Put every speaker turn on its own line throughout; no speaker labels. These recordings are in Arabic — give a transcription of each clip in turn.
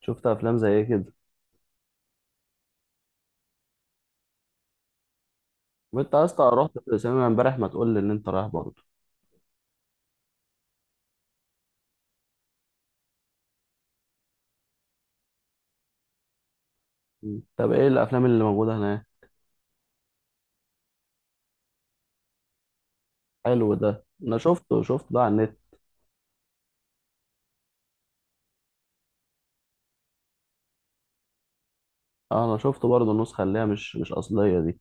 شفت افلام زي ايه كده؟ وانت يا اسطى رحت السينما امبارح، ما تقول لي ان انت رايح برضه. طب ايه الافلام اللي موجوده هناك؟ حلو ده، انا شفته ده على النت. اه انا شفته برضه، النسخه اللي هي مش اصليه دي.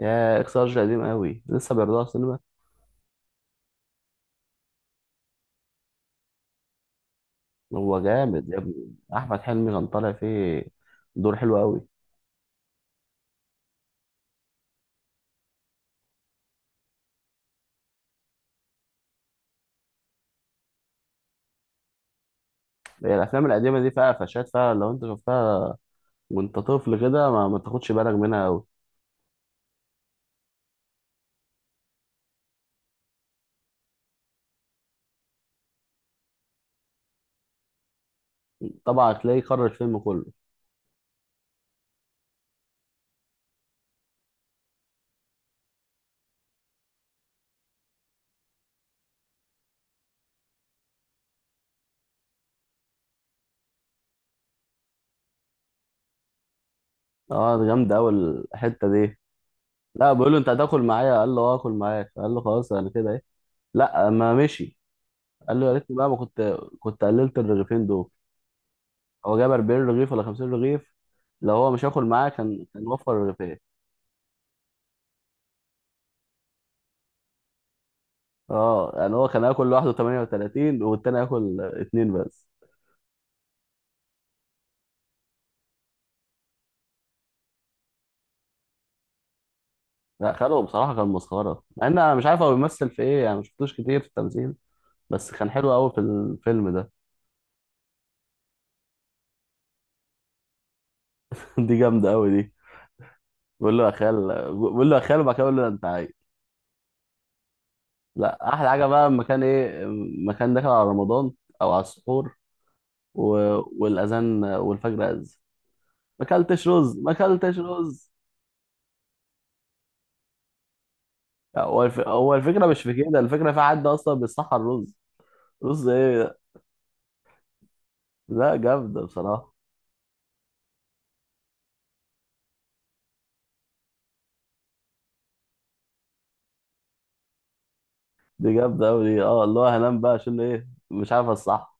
يا اكس لارج قديم قوي، لسه بيعرضوها في السينما؟ هو جامد يا ابني، احمد حلمي كان طالع فيه دور حلو قوي. هي الافلام القديمه دي فيها قفشات، فيها لو انت شفتها وانت طفل كده ما تاخدش بالك منها قوي. طبعا هتلاقيه كرر الفيلم كله. اه ده جامد قوي الحته دي. لا بقول له انت هتاكل معايا، قال له اه اكل معاك، قال له خلاص انا كده ايه. لا ما مشي. قال له يا ريتني بقى ما كنت قللت الرغيفين دول. هو جاب 40 رغيف ولا 50 رغيف؟ لو هو مش هياكل معاه كان وفر رغيفين. اه يعني هو كان هياكل لوحده 38 والتاني هياكل اتنين بس. لا خده بصراحه كان مسخره، مع ان انا مش عارف هو بيمثل في ايه يعني، ما شفتوش كتير في التمثيل. بس كان حلو قوي في الفيلم ده. دي جامده قوي دي. بقول له يا خال، بقول له يا خال، وبعد كده بقول له انت عايز. لا، احلى حاجه بقى المكان ايه، مكان داخل على رمضان او على السحور. و... والاذان والفجر اذن. ما اكلتش رز، ما اكلتش رز. هو الفكره مش في كده، الفكره في حد اصلا بيصحى الرز. رز ايه ده؟ لا جامده بصراحه. دي جامده قوي دي، اه اللي هو هنام بقى عشان ايه، مش عارف الصح.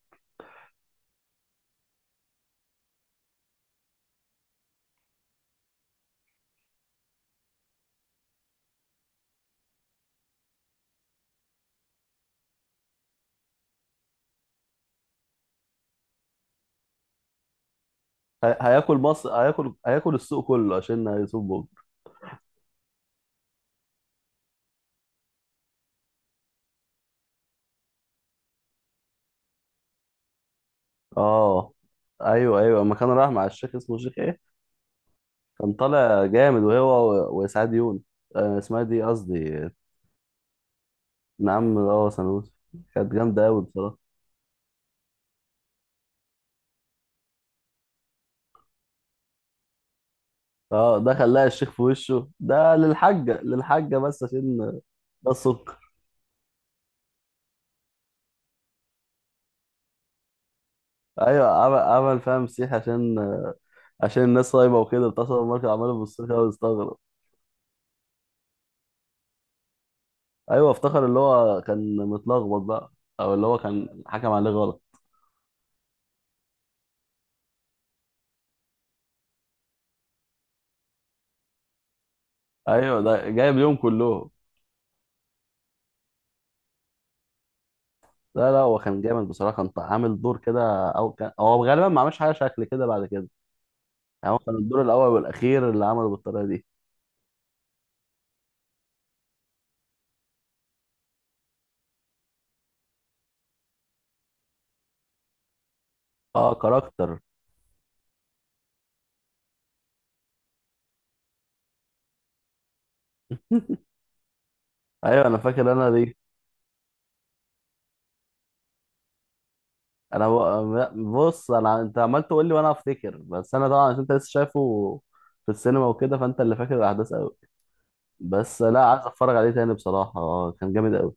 هياكل مصر، هياكل السوق كله عشان هيصوم بكره. اه. ايوه ايوه، اما كان رايح مع الشيخ، اسمه الشيخ ايه؟ كان طالع جامد وهو وسعاد يونس. آه، اسمها دي قصدي. نعم اه سنوس. كانت جامدة أوي بصراحة. اه ده خلاها الشيخ في وشه ده، للحاجة بس عشان. ده الصدق. أيوة عمل فيها مسيح عشان، عشان الناس صايمة وكده، اتصل الماركة عماله بالصوت كده ويستغرب. أيوة، افتكر اللي هو كان متلخبط بقى. أو اللي هو كان حكم عليه غلط. أيوة ده جايب اليوم كله. لا لا، هو كان جامد بصراحة، كان عامل دور كده، أو كان هو غالبا ما عملش حاجة شكل كده بعد كده. يعني هو كان الدور الأول والأخير اللي عمله بالطريقة دي. اه كاركتر. ايوه انا فاكر انا دي. بص انا، انت عمال تقول لي وانا افتكر، بس انا طبعا عشان انت لسه شايفه في السينما وكده، فانت اللي فاكر الاحداث قوي. بس لا، عايز اتفرج عليه تاني بصراحه، اه كان جامد قوي.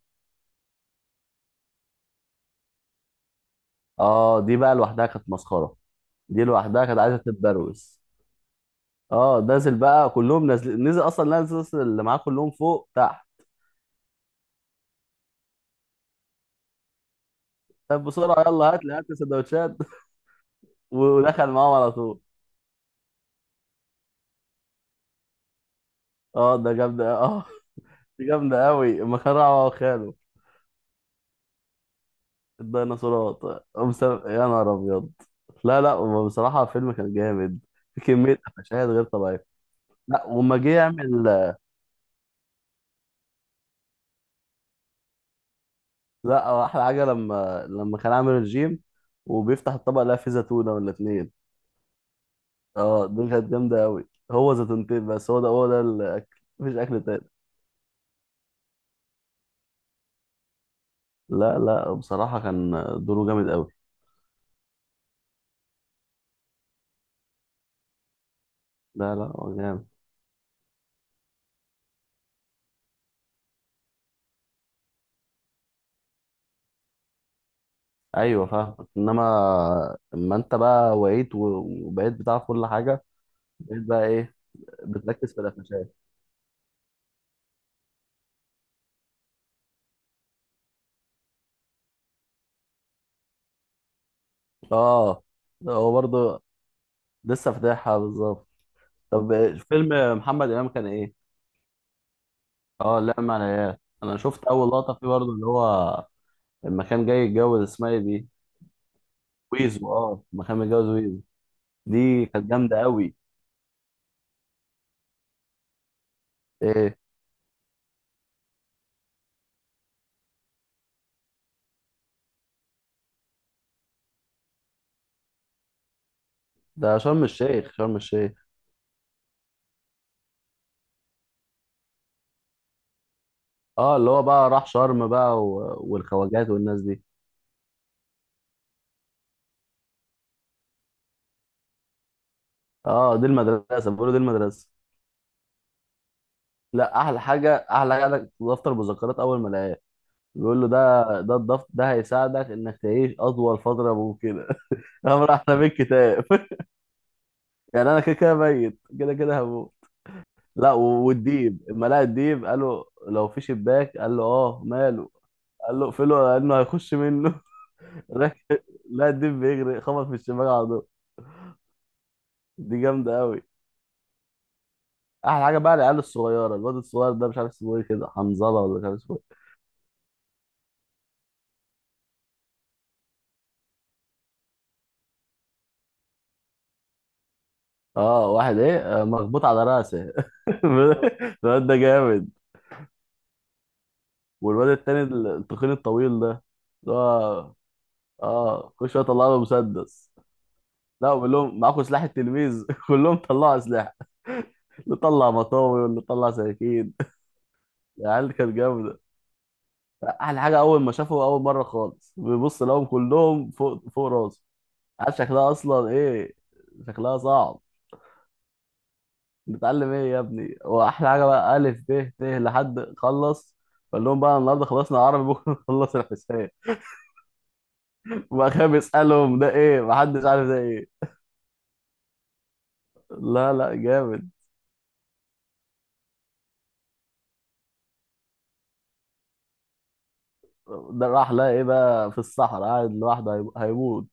اه دي بقى لوحدها كانت مسخره. دي لوحدها كانت عايزه تتبروس. اه نازل بقى، كلهم نازل، نزل اصلا نازل أصلاً اللي معاه كلهم فوق تحت. طب بسرعه يلا، هات لي سندوتشات. ودخل معاهم على طول. اه ده جامد اه. دي جامده قوي، مخرعه وخاله. الديناصورات. يا نهار ابيض. لا لا، هو بصراحه الفيلم كان جامد، في كميه مشاهد غير طبيعيه. لا وما جه يعمل. لا هو احلى حاجه، لما كان عامل الجيم وبيفتح الطبق لقى فيه زيتونه ولا اتنين. اه دي كانت جامده قوي، هو زيتونتين بس، هو ده الاكل، مفيش اكل تاني. لا لا بصراحه كان دوره جامد قوي. لا لا هو جامد. ايوه فاهمك، اما انت بقى وعيت وبقيت بتعرف كل حاجه. بقيت بقى ايه؟ بتركز في القفشات. اه هو برضه لسه فاتحها بالظبط. طب فيلم محمد امام كان ايه؟ اه لا معنى. انا شفت اول لقطه فيه برضه، اللي هو لما كان جاي يتجوز، اسمها ايه دي؟ ويزو، اه لما كان متجوز ويزو، دي كانت جامده قوي. ايه ده؟ شرم الشيخ، شرم الشيخ. اه اللي هو بقى راح شرم بقى والخواجات والناس دي. اه دي المدرسه بيقولوا دي المدرسه. لا، احلى حاجه عندك دفتر مذكرات اول ما لقاه، بيقول له ده الضغط ده هيساعدك انك تعيش اطول فتره ممكنه. هم احنا بيت كتاب؟ يعني انا كده كده ميت، كده كده هموت. لا والديب، اما لقى الديب قال له لو في شباك، قال له اه ماله، قال له اقفله لانه هيخش منه. راح- لا الديب بيجري خبط في الشباك على طول. دي جامده قوي. احلى حاجه بقى العيال الصغيره، الواد الصغير ده مش عارف اسمه ايه كده، حنظله ولا مش عارف اسمه ايه. اه واحد ايه، آه، مخبوط على راسه. الواد ده جامد. والواد التاني التخين الطويل ده، اللي هو اه كل شويه طلع له مسدس. لا بقول لهم معاكم سلاح التلميذ؟ كلهم طلعوا سلاح، اللي طلع مطاوي واللي طلع سكاكين. العيال دي كانت جامده. احلى حاجه اول ما شافوا اول مره خالص بيبص لهم كلهم فوق راسه. عارف شكلها اصلا ايه؟ شكلها صعب. بتتعلم ايه يا ابني؟ واحلى حاجه بقى الف ب ت لحد خلص، قال لهم بقى النهارده خلصنا عربي، بكره نخلص الحساب. وبقى كان بيسالهم ده ايه، محدش عارف ده ايه. لا لا جامد. ده راح لقى ايه بقى في الصحراء قاعد لوحده، هيموت.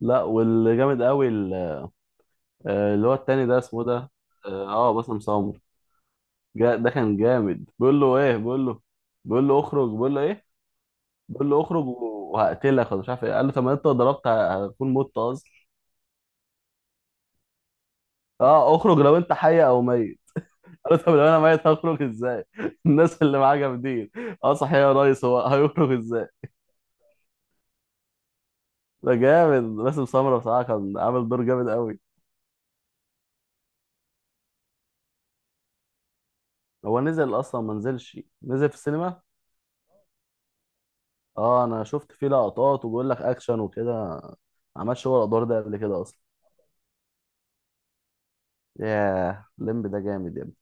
لا واللي جامد قوي آه، اللي هو التاني ده اسمه ده. اه. آه، باسم سمر. ده كان جامد، بيقول له ايه، بيقول له، بيقول له اخرج، بيقول له ايه، بيقول له اخرج وهقتلك ولا مش عارف ايه. قال له طب ما انت لو ضربت هتكون مت اصلا. اه اخرج لو انت حي او ميت. قال له طب لو انا ميت هخرج ازاي؟ الناس اللي معاه جامدين. اه صحيح يا ريس، هو هيخرج ازاي؟ ده جامد باسم سمرة بصراحة، كان عامل دور جامد قوي. هو نزل اصلا، ما نزلش، نزل في السينما. اه انا شفت فيه لقطات وبيقول لك اكشن وكده، ما عملش هو الادوار ده قبل كده اصلا. ياه الليمب ده جامد يا ابني.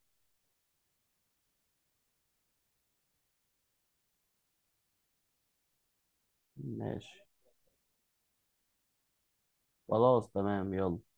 ماشي، خلاص تمام يلا.